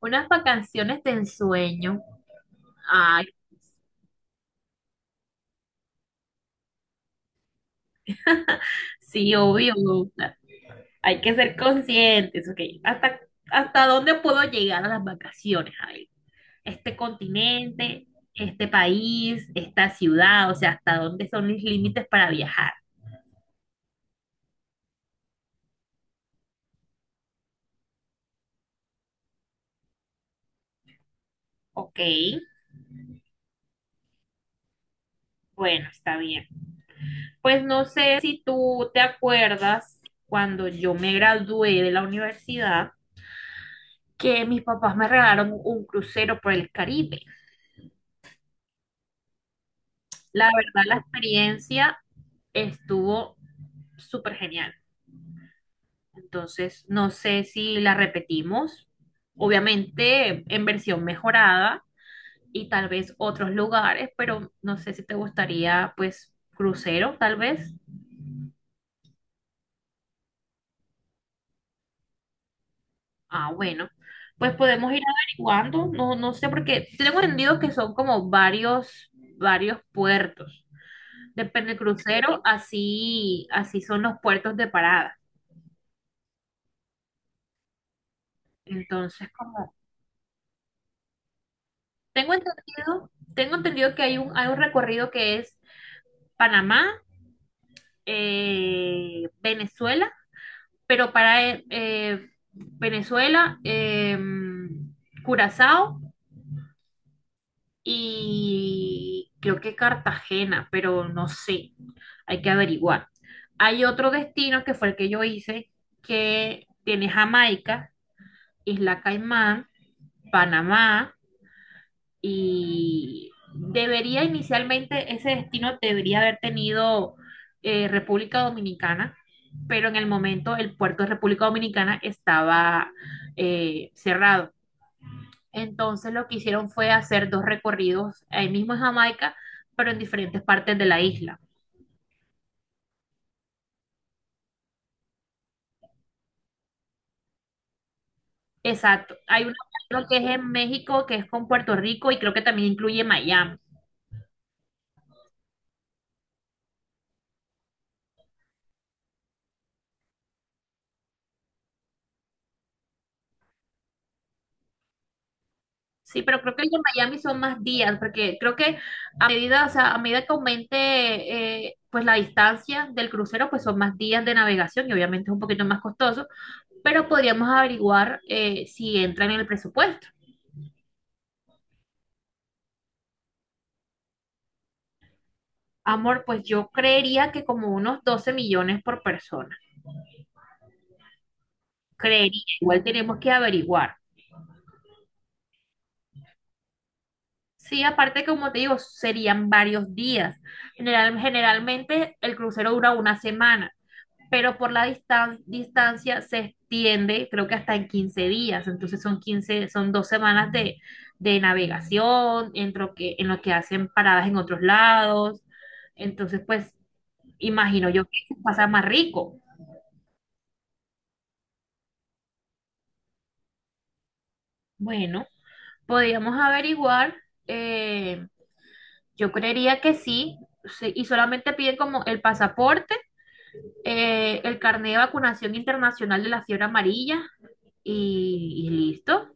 Unas vacaciones de ensueño. Ay, sí, obvio. Hay que ser conscientes, ok. ¿Hasta dónde puedo llegar a las vacaciones? A ver, este continente, este país, esta ciudad, o sea, ¿hasta dónde son mis límites para viajar? Ok, bueno, está bien. Pues no sé si tú te acuerdas cuando yo me gradué de la universidad que mis papás me regalaron un crucero por el Caribe. La verdad, la experiencia estuvo súper genial. Entonces, no sé si la repetimos, obviamente en versión mejorada y tal vez otros lugares, pero no sé si te gustaría, pues, crucero, tal vez. Ah, bueno, pues podemos ir averiguando, no, no sé, porque tengo entendido que son como varios puertos. Depende del crucero, así, así son los puertos de parada. Entonces, como tengo entendido que hay un recorrido que es Panamá, Venezuela, pero para Venezuela, Curazao y creo que Cartagena, pero no sé, hay que averiguar. Hay otro destino que fue el que yo hice, que tiene Jamaica, Isla Caimán, Panamá, y debería inicialmente ese destino debería haber tenido República Dominicana, pero en el momento el puerto de República Dominicana estaba cerrado. Entonces lo que hicieron fue hacer dos recorridos ahí mismo en Jamaica, pero en diferentes partes de la isla. Exacto. Hay uno, creo que es en México, que es con Puerto Rico y creo que también incluye Miami. Sí, pero creo que el de Miami son más días, porque creo que a medida, o sea, a medida que aumente pues la distancia del crucero, pues son más días de navegación y obviamente es un poquito más costoso, pero podríamos averiguar si entra en el presupuesto. Amor, pues yo creería que como unos 12 millones por persona. Creería, igual tenemos que averiguar. Sí, aparte, como te digo, serían varios días. Generalmente el crucero dura una semana, pero por la distancia se extiende, creo que hasta en 15 días, entonces son 15, son 2 semanas de, navegación, en lo que hacen paradas en otros lados, entonces pues imagino yo que pasa más rico. Bueno, podríamos averiguar, eh, yo creería que sí, sí, y solamente piden como el pasaporte, el carnet de vacunación internacional de la fiebre amarilla y listo.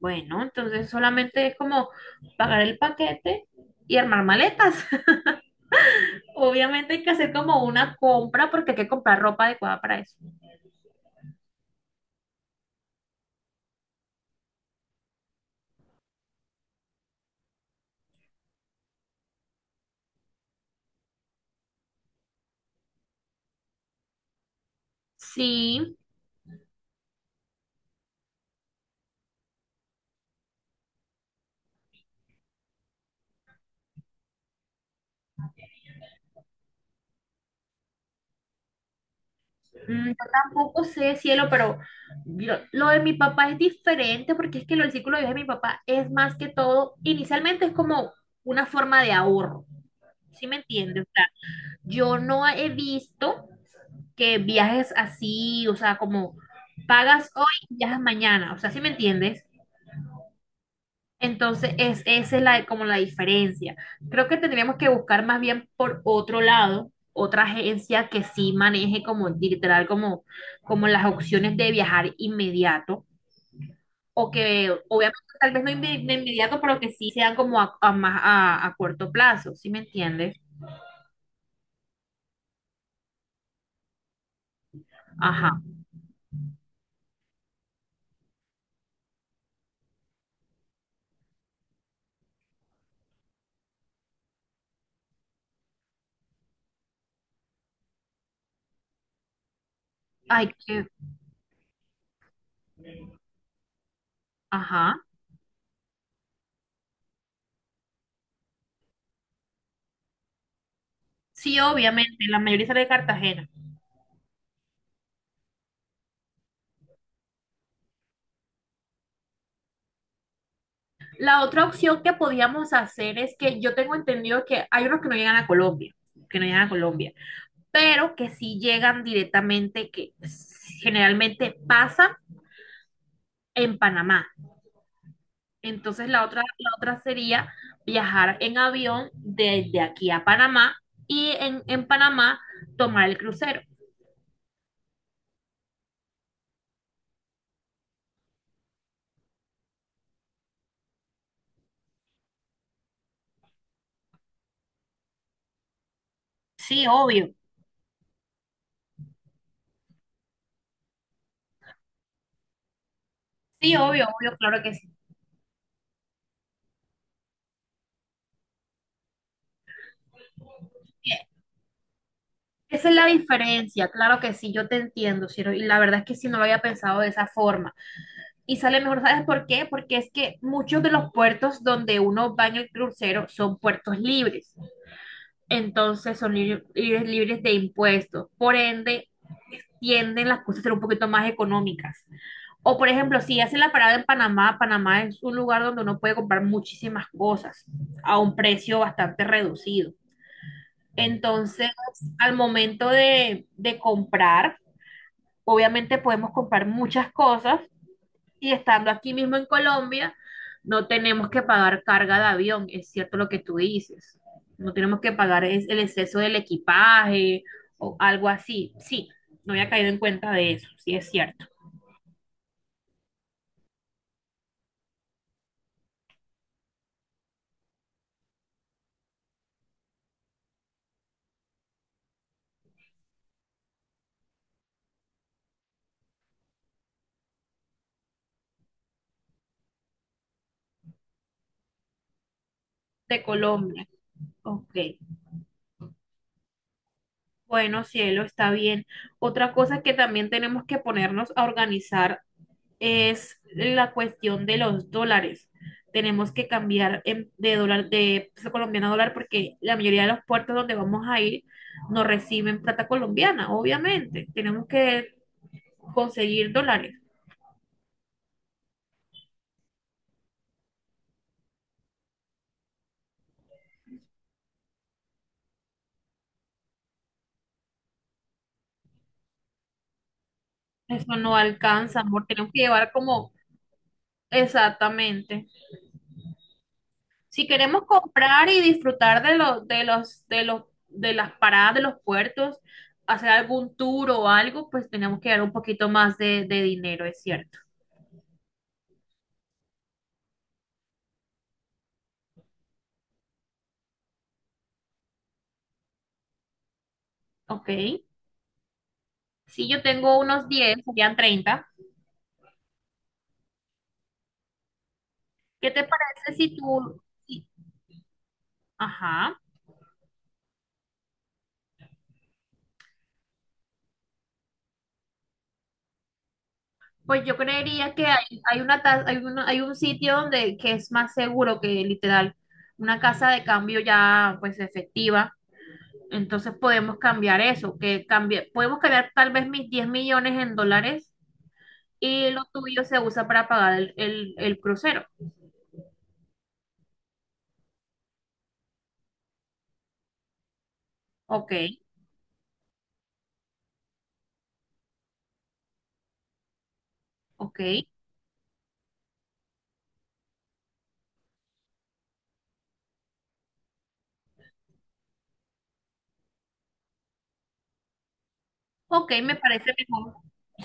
Bueno, entonces solamente es como pagar el paquete y armar maletas. Obviamente hay que hacer como una compra porque hay que comprar ropa adecuada para eso. Sí, yo tampoco sé, cielo, pero lo de mi papá es diferente porque es que lo del círculo de vida de mi papá es más que todo, inicialmente es como una forma de ahorro, ¿sí me entiendes? O sea, yo no he visto que viajes así, o sea, como pagas hoy y viajas mañana, o sea, ¿sí me entiendes? Entonces, esa es la, como la diferencia. Creo que tendríamos que buscar más bien por otro lado, otra agencia que sí maneje como literal, como las opciones de viajar inmediato, o que obviamente tal vez no de inmediato, pero que sí sean como a más, a corto plazo, ¿sí me entiendes? Ajá. Ay, que, ajá. Sí, obviamente, la mayoría sale de Cartagena. La otra opción que podíamos hacer es que yo tengo entendido que hay unos que no llegan a Colombia, que no llegan a Colombia, pero que sí llegan directamente, que generalmente pasan en Panamá. Entonces la otra sería viajar en avión desde aquí a Panamá y en Panamá tomar el crucero. Sí, obvio, sí, obvio, obvio, claro que sí. Esa es la diferencia, claro que sí, yo te entiendo, Ciro, y la verdad es que sí no lo había pensado de esa forma. Y sale mejor, ¿sabes por qué? Porque es que muchos de los puertos donde uno va en el crucero son puertos libres. Entonces son libres, libres, libres de impuestos. Por ende, tienden las cosas a ser un poquito más económicas. O por ejemplo, si hacen la parada en Panamá, Panamá es un lugar donde uno puede comprar muchísimas cosas a un precio bastante reducido. Entonces, al momento de, comprar, obviamente podemos comprar muchas cosas y estando aquí mismo en Colombia, no tenemos que pagar carga de avión, es cierto lo que tú dices. No tenemos que pagar el exceso del equipaje o algo así. Sí, no había caído en cuenta de eso, sí es cierto. De Colombia, ok. Bueno, cielo, está bien. Otra cosa que también tenemos que ponernos a organizar es la cuestión de los dólares. Tenemos que cambiar de dólar, de peso colombiano a dólar, porque la mayoría de los puertos donde vamos a ir no reciben plata colombiana, obviamente. Tenemos que conseguir dólares. Eso no alcanza, amor. Tenemos que llevar como exactamente. Si queremos comprar y disfrutar de las paradas de los puertos, hacer algún tour o algo, pues tenemos que dar un poquito más de dinero, es cierto. Ok. Si yo tengo unos 10, serían 30. ¿Qué te parece si tú... si- Ajá. Pues yo creería que hay una, ta- hay una- hay un sitio donde que es más seguro que literal una casa de cambio ya pues efectiva. Entonces podemos cambiar eso, que cambie, podemos cambiar tal vez mis 10 millones en dólares y lo tuyo se usa para pagar el, el crucero. Ok, ok. Ok, me parece mejor.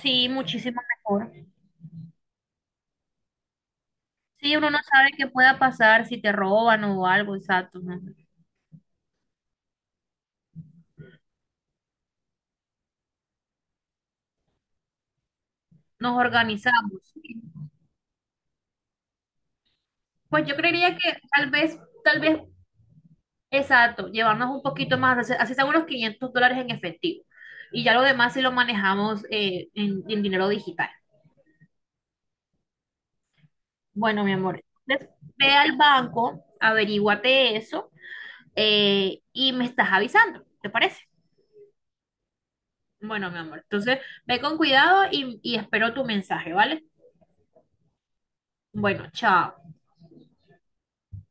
Sí, muchísimo mejor. Sí, uno no sabe qué pueda pasar si te roban o algo, exacto, ¿no? Nos organizamos. Pues yo creería que tal vez, exacto, llevarnos un poquito más, así así sea unos $500 en efectivo. Y ya lo demás si lo manejamos en, dinero digital. Bueno, mi amor, entonces, ve al banco, averíguate eso, y me estás avisando, ¿te parece? Bueno, mi amor, entonces ve con cuidado y espero tu mensaje, ¿vale? Bueno, chao.